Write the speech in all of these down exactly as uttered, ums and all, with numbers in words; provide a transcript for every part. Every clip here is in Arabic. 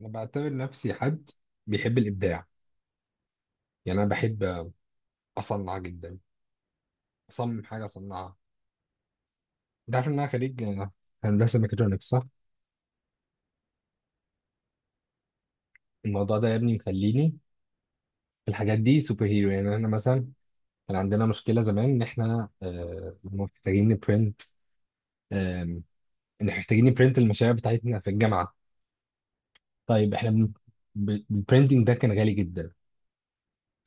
انا بعتبر نفسي حد بيحب الابداع. يعني انا بحب اصنع جدا، اصمم حاجه اصنعها. انت عارف ان انا خريج آه، هندسه ميكاترونكس، صح؟ الموضوع ده يا ابني مخليني في الحاجات دي سوبر هيرو. يعني احنا مثلا كان عندنا مشكله زمان ان احنا آه، محتاجين نبرنت. آم، ان محتاجين نبرنت المشاريع بتاعتنا في الجامعه. طيب احنا بن- ب- البرنتنج ده كان غالي جدا.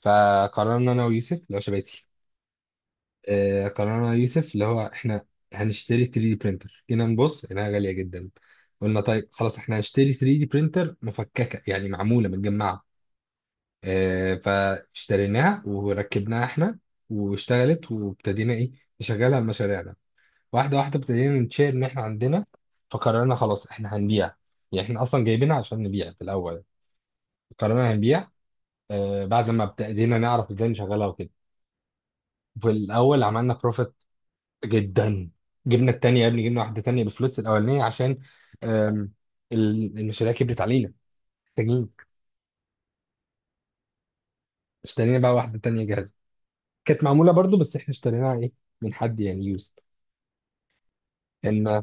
فقررنا انا ويوسف اللي هو شباسي، آه، قررنا يوسف اللي هو احنا هنشتري ثري دي برينتر. جينا نبص لقيناها غالية جدا، قلنا طيب خلاص احنا هنشتري ثري دي برينتر مفككة، يعني معمولة متجمعة. آه، فاشتريناها وركبناها احنا، واشتغلت، وابتدينا ايه، نشغلها لمشاريعنا. واحدة واحدة ابتدينا نشير ان احنا عندنا. فقررنا خلاص احنا هنبيع، يعني احنا اصلا جايبينها عشان نبيع في الاول. قررنا هنبيع آه، بعد ما ابتدينا نعرف ازاي نشغلها وكده. في الاول عملنا جدا. جبنا التانية يا ابني، جبنا واحدة تانية بالفلوس الأولانية عشان آم، ال- المشاريع كبرت علينا، محتاجين. اشترينا بقى واحدة تانية جاهزة، كانت معمولة برضو، بس احنا اشتريناها ايه، من حد يعني يوز. كان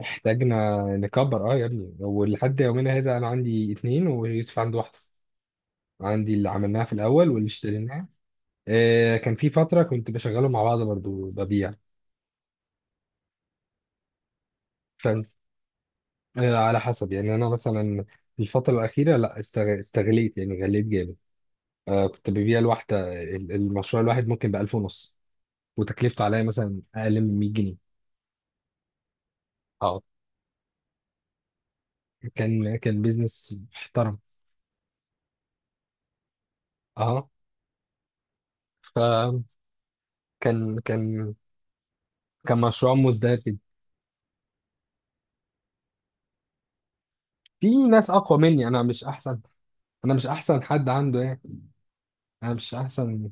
احتاجنا نكبر، اه يا ابني. ولحد يومنا هذا انا عندي اتنين ويوسف عنده واحدة، عندي اللي عملناها في الأول واللي اشتريناها. آه، كان في فترة كنت بشغله مع بعض برضو ببيع. فاهم. آه، على حسب يعني. أنا مثلا في الفترة الأخيرة لا استغ- استغليت يعني غليت جامد. آه، كنت ببيع الواحدة ال- المشروع الواحد ممكن بألف ونص، وتكلفته عليا مثلا أقل من ميه جنيه. اه. كان كان بيزنس محترم. اه. فكان كان كان مشروع مزدهر جدا. في ناس أقوى مني، أنا مش أحسن. أنا مش أحسن حد عنده يعني. أنا مش أحسن.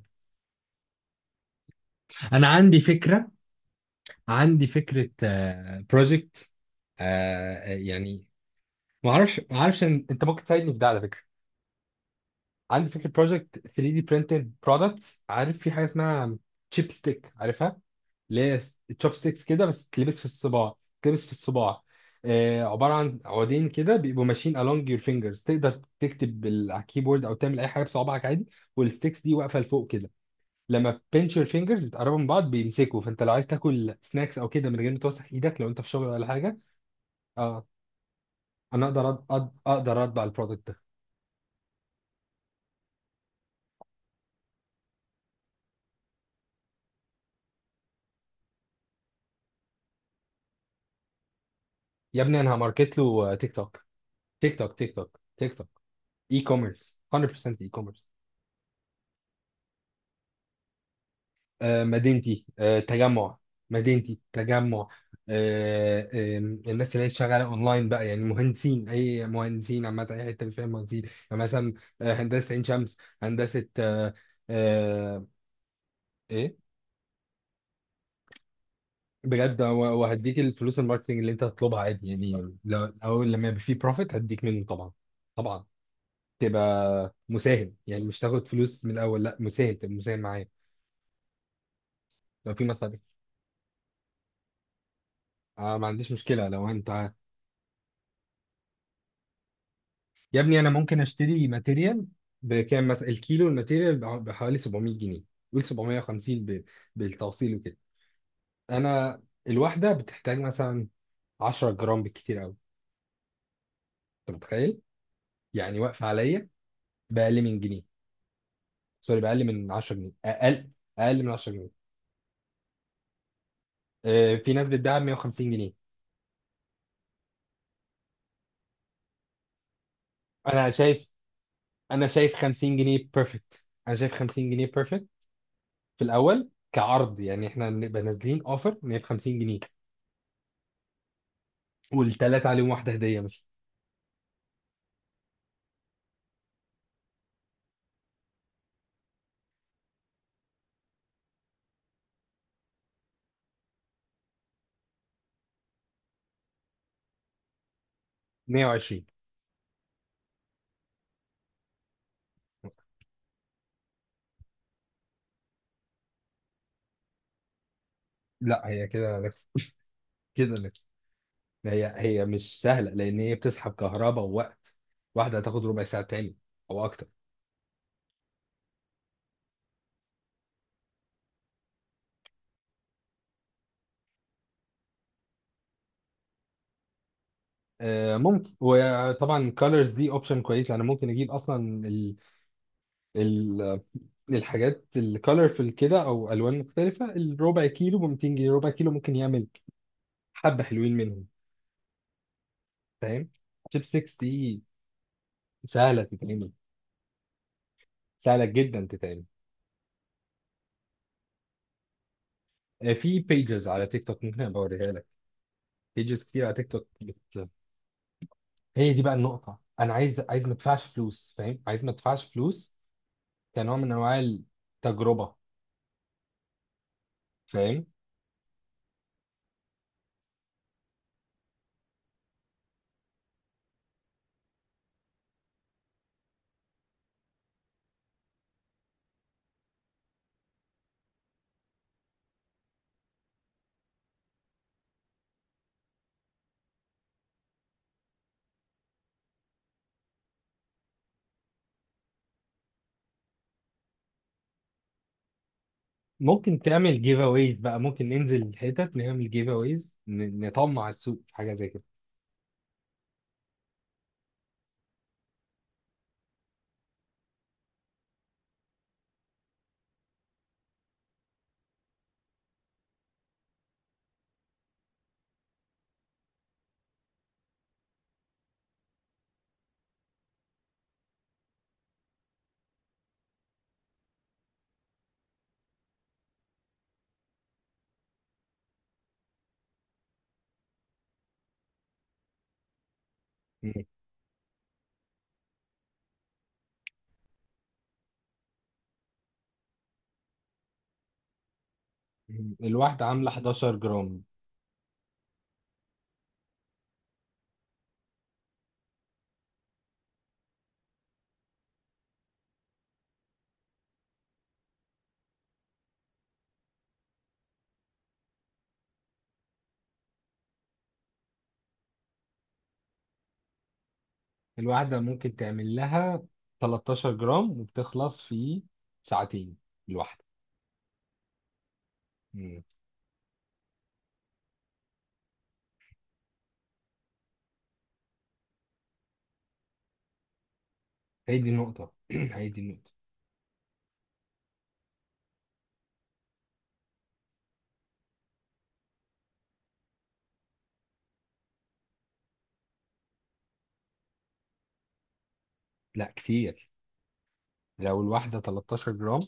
أنا عندي فكرة، عندي فكرة بروجكت. آه آه، يعني ما أعرفش ما أعرفش إن- أنت ممكن تساعدني في ده على فكرة. عندي فكره بروجكت ثري دي برينتد برودكتس. عارف في حاجه اسمها تشيب ستيك؟ عارفها؟ اللي هي تشوب ستيكس كده، بس تلبس في الصباع. تلبس في الصباع آه، عباره عن عودين كده بيبقوا ماشيين along your fingers، تقدر تكتب بال- على الكيبورد، او تعمل اي حاجه بصوابعك عادي. والستيكس دي واقفه لفوق كده، لما pinch your fingers بتقربوا من بعض بيمسكوا. فانت لو عايز تاكل سناكس او كده من غير ما توسخ ايدك، لو انت في شغل ولا حاجه. اه، انا اقدر أد- أد- اقدر اطبع البرودكت ده. يا ابني انا هماركت له آه، تيك توك، تيك توك، تيك توك، تيك توك. اي كوميرس مية في المية، اي كوميرس. آه مدينتي، آه تجمع. مدينتي تجمع آه آه الناس اللي هي شغاله اونلاين بقى، يعني مهندسين، اي مهندسين عامه، اي حته فيها مهندسين. يعني مثلا آه هندسه عين شمس، هندسه آه آه ايه، بجد. و- وهديك الفلوس الماركتنج اللي انت هتطلبها عادي. يعني لو اول لما يبقى فيه بروفيت هديك منه طبعا. طبعا تبقى مساهم، يعني مش تاخد فلوس من الاول، لا مساهم، تبقى مساهم معايا. لو في مصاريف، آه ما عنديش مشكلة لو انت. يا ابني انا ممكن اشتري ماتيريال. بكام؟ مثلا الكيلو الماتيريال بع- بحوالي سبعمية جنيه، قول سبعمية وخمسين ب... بالتوصيل وكده. انا الواحده بتحتاج مثلا 10 جرام بالكتير قوي، انت متخيل. يعني واقفه عليا باقل من جنيه، سوري باقل من عشر جنيه، اقل. اقل من عشر جنيه. آه، في ناس بتدعي ميه وخمسين جنيه. انا شايف، انا شايف خمسين جنيه بيرفكت، انا شايف 50 جنيه بيرفكت في الاول كعرض. يعني احنا نبقى نازلين اوفر ميه وخمسين جنيه، والثلاثه عليهم واحده هديه مثلا ميه وعشرين. لا، هي كده لك كده لك هي هي مش سهله، لان هي بتسحب كهرباء ووقت. واحده هتاخد ربع ساعه، تاني او اكتر. آه ممكن، وطبعا الكالرز دي اوبشن كويس، لان ممكن اجيب اصلا ال ال الحاجات الكالرفل كده، او الوان مختلفه. الربع كيلو ب ميتين جنيه، ربع كيلو ممكن يعمل حبه حلوين منهم. فاهم. شيب سيكس دي سهله تتعمل، سهله جدا تتعمل. آه، في بيجز على تيك توك، ممكن ابقى اوريها لك. بيجز كتير على تيك توك بت هي دي بقى النقطة. أنا عايز، عايز ما أدفعش فلوس، فاهم، عايز ما أدفعش فلوس، كنوع من أنواع التجربة. فاهم. ممكن تعمل جيف أويز بقى، ممكن ننزل الحتت نعمل جيف أويز، نطمع السوق في حاجة زي كده. م- م- الواحدة عاملة 11 جرام. الواحدة ممكن تعمل لها 13 جرام، وبتخلص في ساعتين الواحدة. م. هي دي النقطة هي دي النقطة لا كتير. لو الواحدة تلتاشر جرام،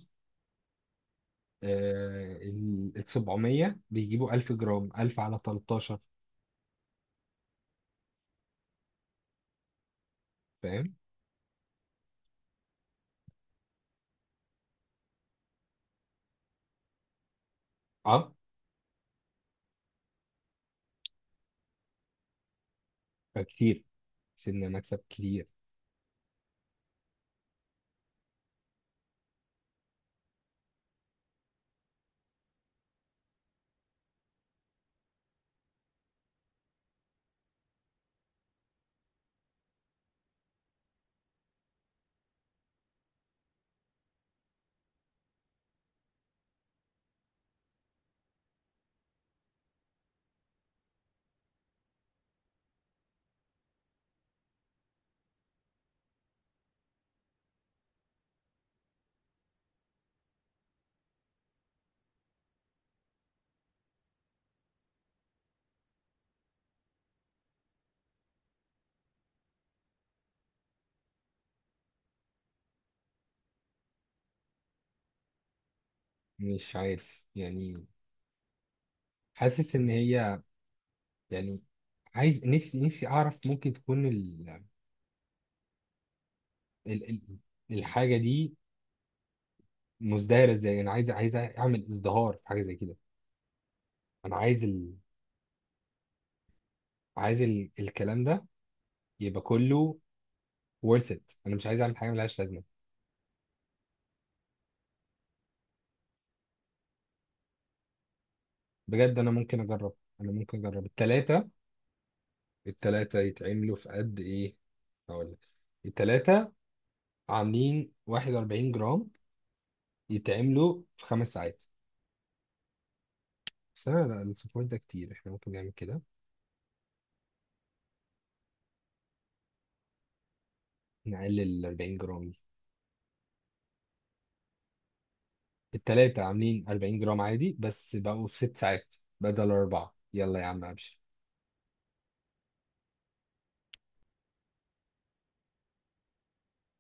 آه، ال ال سبعمية بيجيبوا الف جرام، الف على تلتاشر. فاهم. اه، فكتير، سيبنا مكسب كبير. مش عارف يعني، حاسس ان هي، يعني، عايز نفسي نفسي اعرف ممكن تكون ال ال ال الحاجه دي مزدهره ازاي. انا عايز، عايز اعمل ازدهار في حاجه زي كده. انا عايز ال عايز ال الكلام ده يبقى كله worth it. انا مش عايز اعمل حاجه ملهاش لازمه. بجد انا ممكن اجرب، انا ممكن اجرب التلاته. التلاتة يتعملوا في قد إيه؟ هقول لك. التلاتة عاملين 41 جرام، يتعملوا في خمس ساعات. بس أنا، لا، الصفار ده كتير، إحنا ممكن نعمل كده نقلل ال اربعين جرام دي. التلاتة عاملين اربعين جرام عادي، بس بقوا في ست ساعات بدل أربعة. يلا يا عم أبشر.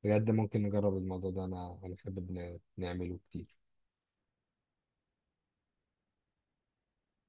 بجد ممكن نجرب الموضوع ده، أنا أنا بحب ن- نعمله كتير.